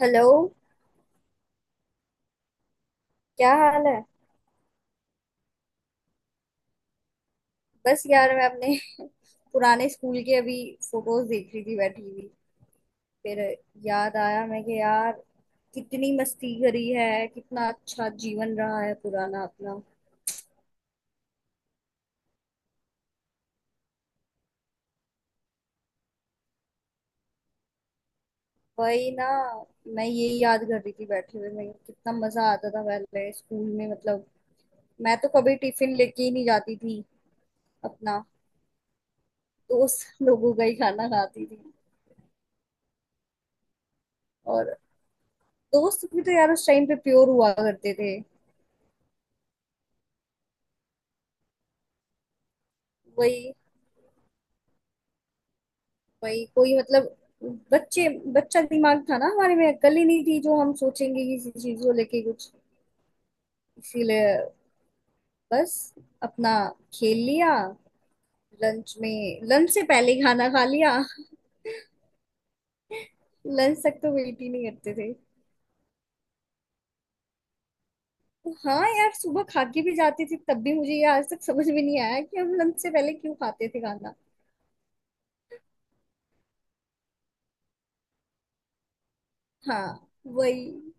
Hello. क्या हाल है? बस यार, मैं अपने पुराने स्कूल के अभी फोटोज देख रही थी बैठी हुई। फिर याद आया मैं कि यार कितनी मस्ती करी है, कितना अच्छा जीवन रहा है पुराना अपना। वही ना, मैं ये याद कर रही थी बैठे हुए मैं, कितना मजा आता था पहले स्कूल में। मतलब मैं तो कभी टिफिन लेके ही नहीं जाती थी अपना, दोस्त लोगों का ही खाना खाती थी। और दोस्त भी तो यार उस टाइम पे प्योर हुआ करते थे। वही, वही कोई मतलब, बच्चे बच्चा दिमाग था ना हमारे में, अक्ल ही नहीं थी जो हम सोचेंगे किसी चीज को लेके कुछ। इसीलिए बस अपना खेल लिया, लंच में लंच से पहले ही खाना खा लिया। लंच तक तो वेट ही नहीं करते थे। तो हाँ यार, सुबह खा के भी जाती थी, तब भी मुझे ये आज तक समझ में नहीं आया कि हम लंच से पहले क्यों खाते थे खाना। हाँ, वही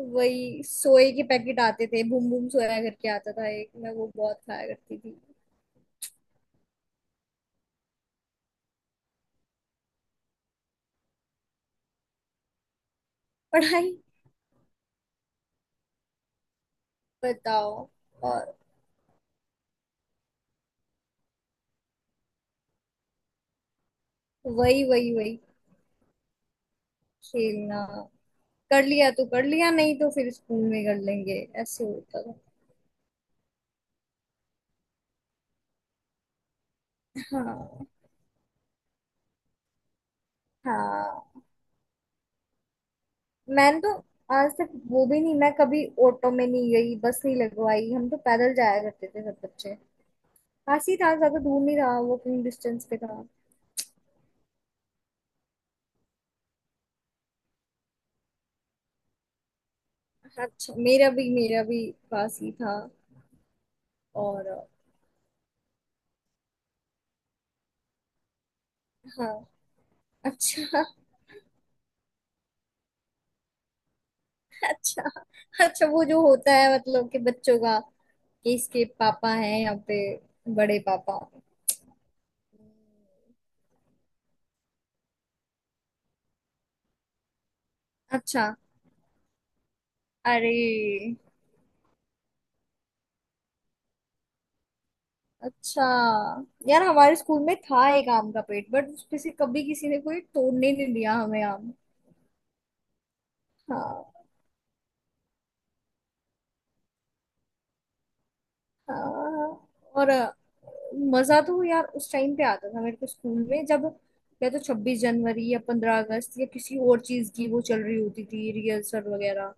वही, सोए के पैकेट आते थे, बूम बूम सोया करके आता था एक, मैं वो बहुत खाया करती थी। पढ़ाई बताओ। और वही वही वही, खेलना कर लिया तो कर लिया, नहीं तो फिर स्कूल में कर लेंगे। ऐसे होता था। हाँ, हाँ। मैंने तो आज तक वो भी नहीं, मैं कभी ऑटो में नहीं गई, बस नहीं लगवाई, हम तो पैदल जाया करते थे सब बच्चे। पास ही था, ज्यादा दूर नहीं था, वॉकिंग डिस्टेंस पे था। अच्छा। मेरा भी, मेरा भी पास ही था। और हाँ, अच्छा, अच्छा, अच्छा। वो जो होता है मतलब कि बच्चों का, कि इसके पापा हैं यहाँ पे, बड़े पापा। अच्छा, अरे, अच्छा। यार, हमारे स्कूल में था एक आम का पेड़, बट उसमें से कभी किसी ने कोई तोड़ने नहीं दिया हमें आम। हाँ, हाँ। और मजा तो यार उस टाइम पे आता था मेरे को स्कूल में, जब या तो 26 जनवरी या 15 अगस्त या किसी और चीज की वो चल रही होती थी रिहर्सल वगैरह।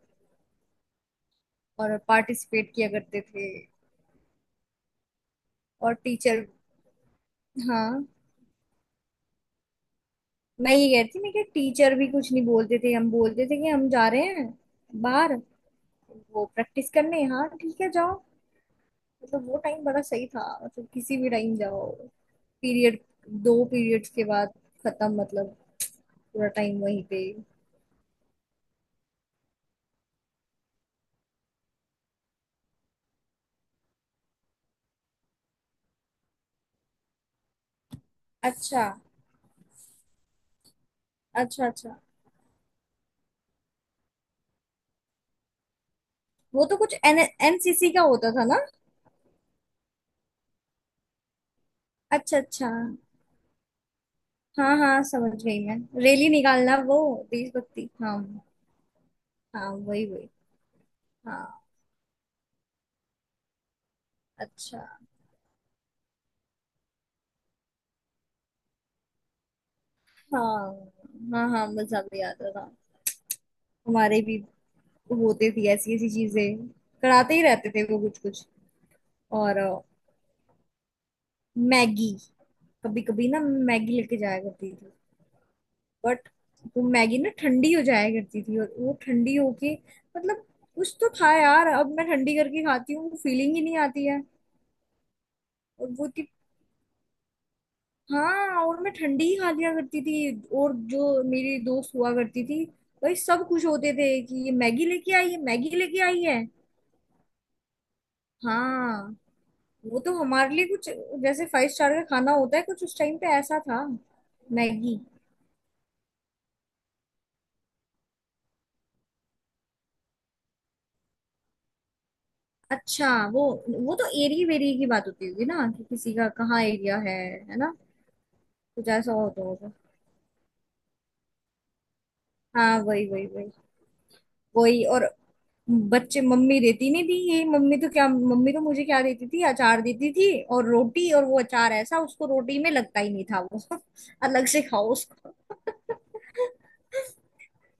और पार्टिसिपेट किया करते थे। और टीचर, हाँ। मैं ये कह रही थी मैं कि टीचर भी कुछ नहीं बोलते थे, हम बोलते थे कि हम जा रहे हैं बाहर, वो प्रैक्टिस करने। हाँ ठीक है जाओ। मतलब वो टाइम बड़ा सही था, मतलब किसी भी टाइम जाओ। पीरियड, दो पीरियड्स के बाद खत्म, मतलब पूरा टाइम वहीं पे। अच्छा, अच्छा, अच्छा। वो तो कुछ एन एनसीसी का होता था ना? अच्छा, अच्छा। हाँ हाँ समझ गई मैं, रैली निकालना वो, देशभक्ति। हाँ, हाँ, वही वही। हाँ, अच्छा। हाँ, हाँ, हाँ, मुझे ज्यादा याद आ रहा हमारे भी होते थे, ऐसी ऐसी चीजें कराते ही रहते थे वो कुछ कुछ। और मैगी, कभी कभी ना मैगी लेके जाया करती थी। बट वो मैगी ना ठंडी हो जाया करती थी और वो ठंडी होके, मतलब कुछ तो था यार, अब मैं ठंडी करके खाती हूँ फीलिंग ही नहीं आती है। और वो थी, हाँ, और मैं ठंडी ही खा लिया करती थी। और जो मेरी दोस्त हुआ करती थी, भाई सब खुश होते थे कि ये मैगी लेके आई है, मैगी लेके आई है। हाँ, वो तो हमारे लिए कुछ जैसे 5 स्टार का खाना होता है कुछ, उस टाइम पे ऐसा था। मैगी, अच्छा, वो तो एरिया वेरिया की बात होती होगी ना कि किसी का कहाँ एरिया है। है ना, कुछ ऐसा होता होगा। हाँ, वही वही वही वही। और बच्चे, मम्मी देती नहीं थी ये। मम्मी तो क्या, मम्मी तो मुझे क्या देती थी? अचार देती थी और रोटी, और वो अचार ऐसा उसको रोटी में लगता ही नहीं था वो अलग से खाओ।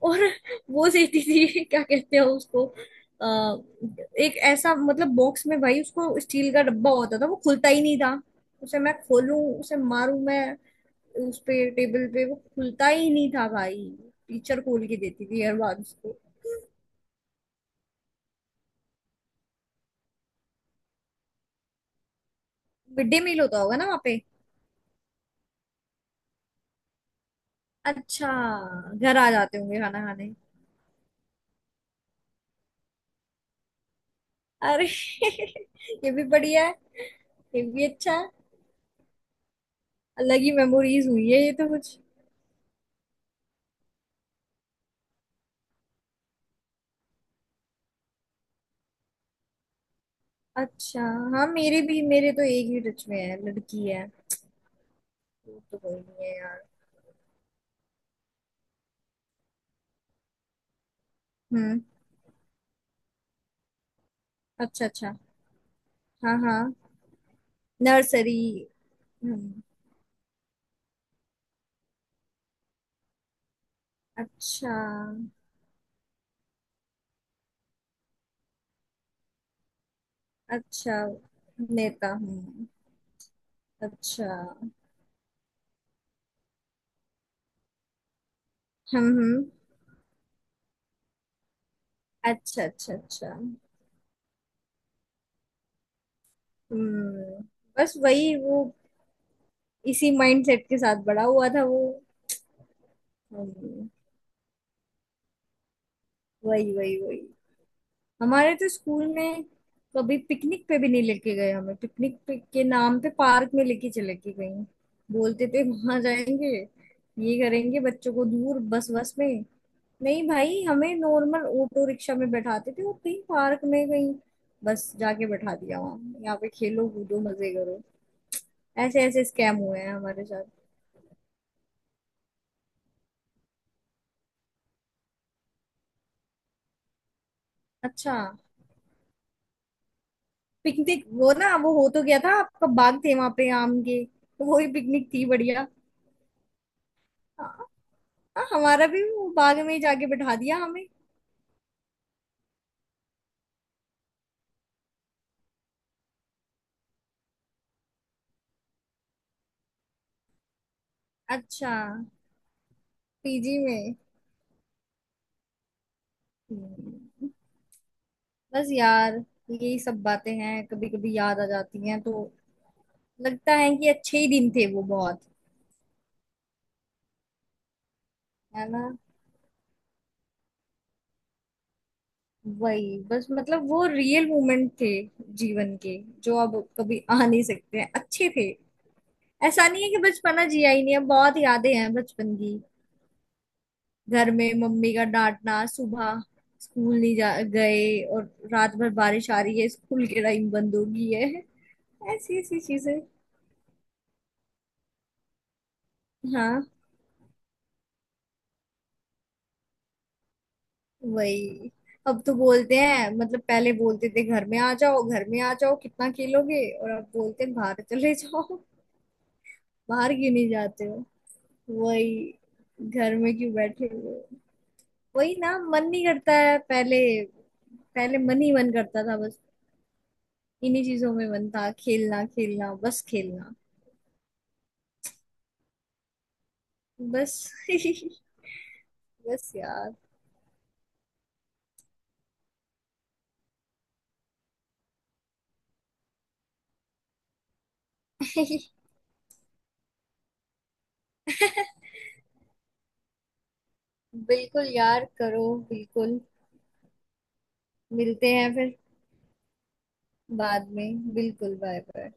और वो देती थी क्या कहते हैं उसको, आ, एक ऐसा मतलब बॉक्स में, भाई उसको स्टील का डब्बा होता था, वो खुलता ही नहीं था। उसे मैं खोलूं, उसे मारूं मैं उस पे, टेबल पे, वो खुलता ही नहीं था भाई। टीचर खोल के देती थी हर बार उसको। मिड डे मील होता होगा ना वहाँ पे? अच्छा, घर आ जाते होंगे खाना खाने। अरे ये भी बढ़िया है, ये भी अच्छा है। अलग ही मेमोरीज हुई है ये तो कुछ। अच्छा, हाँ, मेरे भी, मेरे तो एक ही टच में है, लड़की है। वो तो कोई नहीं है यार। हम्म, अच्छा, अच्छा। हाँ, हाँ, नर्सरी, हम्म। अच्छा, अच्छा। नेता हूँ? अच्छा, हम्म, हम्म, अच्छा, अच्छा, अच्छा, हम्म। बस वही वो, इसी माइंडसेट के साथ बड़ा हुआ था वो। हम्म, वही वही वही। हमारे तो स्कूल में कभी पिकनिक पे भी नहीं लेके गए हमें, पिकनिक पे के नाम पे पार्क में लेके चले के गए हैं। बोलते थे वहां जाएंगे, ये करेंगे, बच्चों को दूर, बस बस में। नहीं भाई, हमें नॉर्मल ऑटो रिक्शा में बैठाते थे, वो कहीं पार्क में कहीं बस जाके बैठा दिया वहां, यहाँ पे खेलो कूदो मजे करो। ऐसे ऐसे स्कैम हुए हैं हमारे साथ। अच्छा। पिकनिक वो ना, वो हो तो गया था आपका, बाग थे वहां पे आम के, तो वो ही पिकनिक थी बढ़िया। हाँ, हमारा भी वो बाग में ही जाके बिठा दिया हमें। अच्छा, पीजी में। हम्म, बस यार, यही सब बातें हैं, कभी कभी याद आ जाती हैं तो लगता है कि अच्छे ही दिन थे वो बहुत। है ना, वही बस, मतलब वो रियल मोमेंट थे जीवन के, जो अब कभी आ नहीं सकते हैं। अच्छे थे। ऐसा नहीं है कि बचपना जिया ही नहीं है, बहुत यादें हैं बचपन की। घर में मम्मी का डांटना सुबह, स्कूल नहीं जा गए, और रात भर बारिश आ रही है स्कूल के टाइम बंद हो गई है, ऐसी ऐसी चीजें। हाँ, वही। अब तो बोलते हैं, मतलब पहले बोलते थे घर में आ जाओ, घर में आ जाओ, कितना खेलोगे, और अब बोलते हैं बाहर चले जाओ, बाहर क्यों नहीं जाते हो। वही, घर में क्यों बैठे हुए हो? वही ना, मन नहीं करता है। पहले, पहले मन ही मन करता था बस, इन्हीं चीजों में मन था, खेलना खेलना बस खेलना। बस बस यार। बिल्कुल यार करो, बिल्कुल। मिलते हैं फिर बाद में, बिल्कुल, बाय बाय।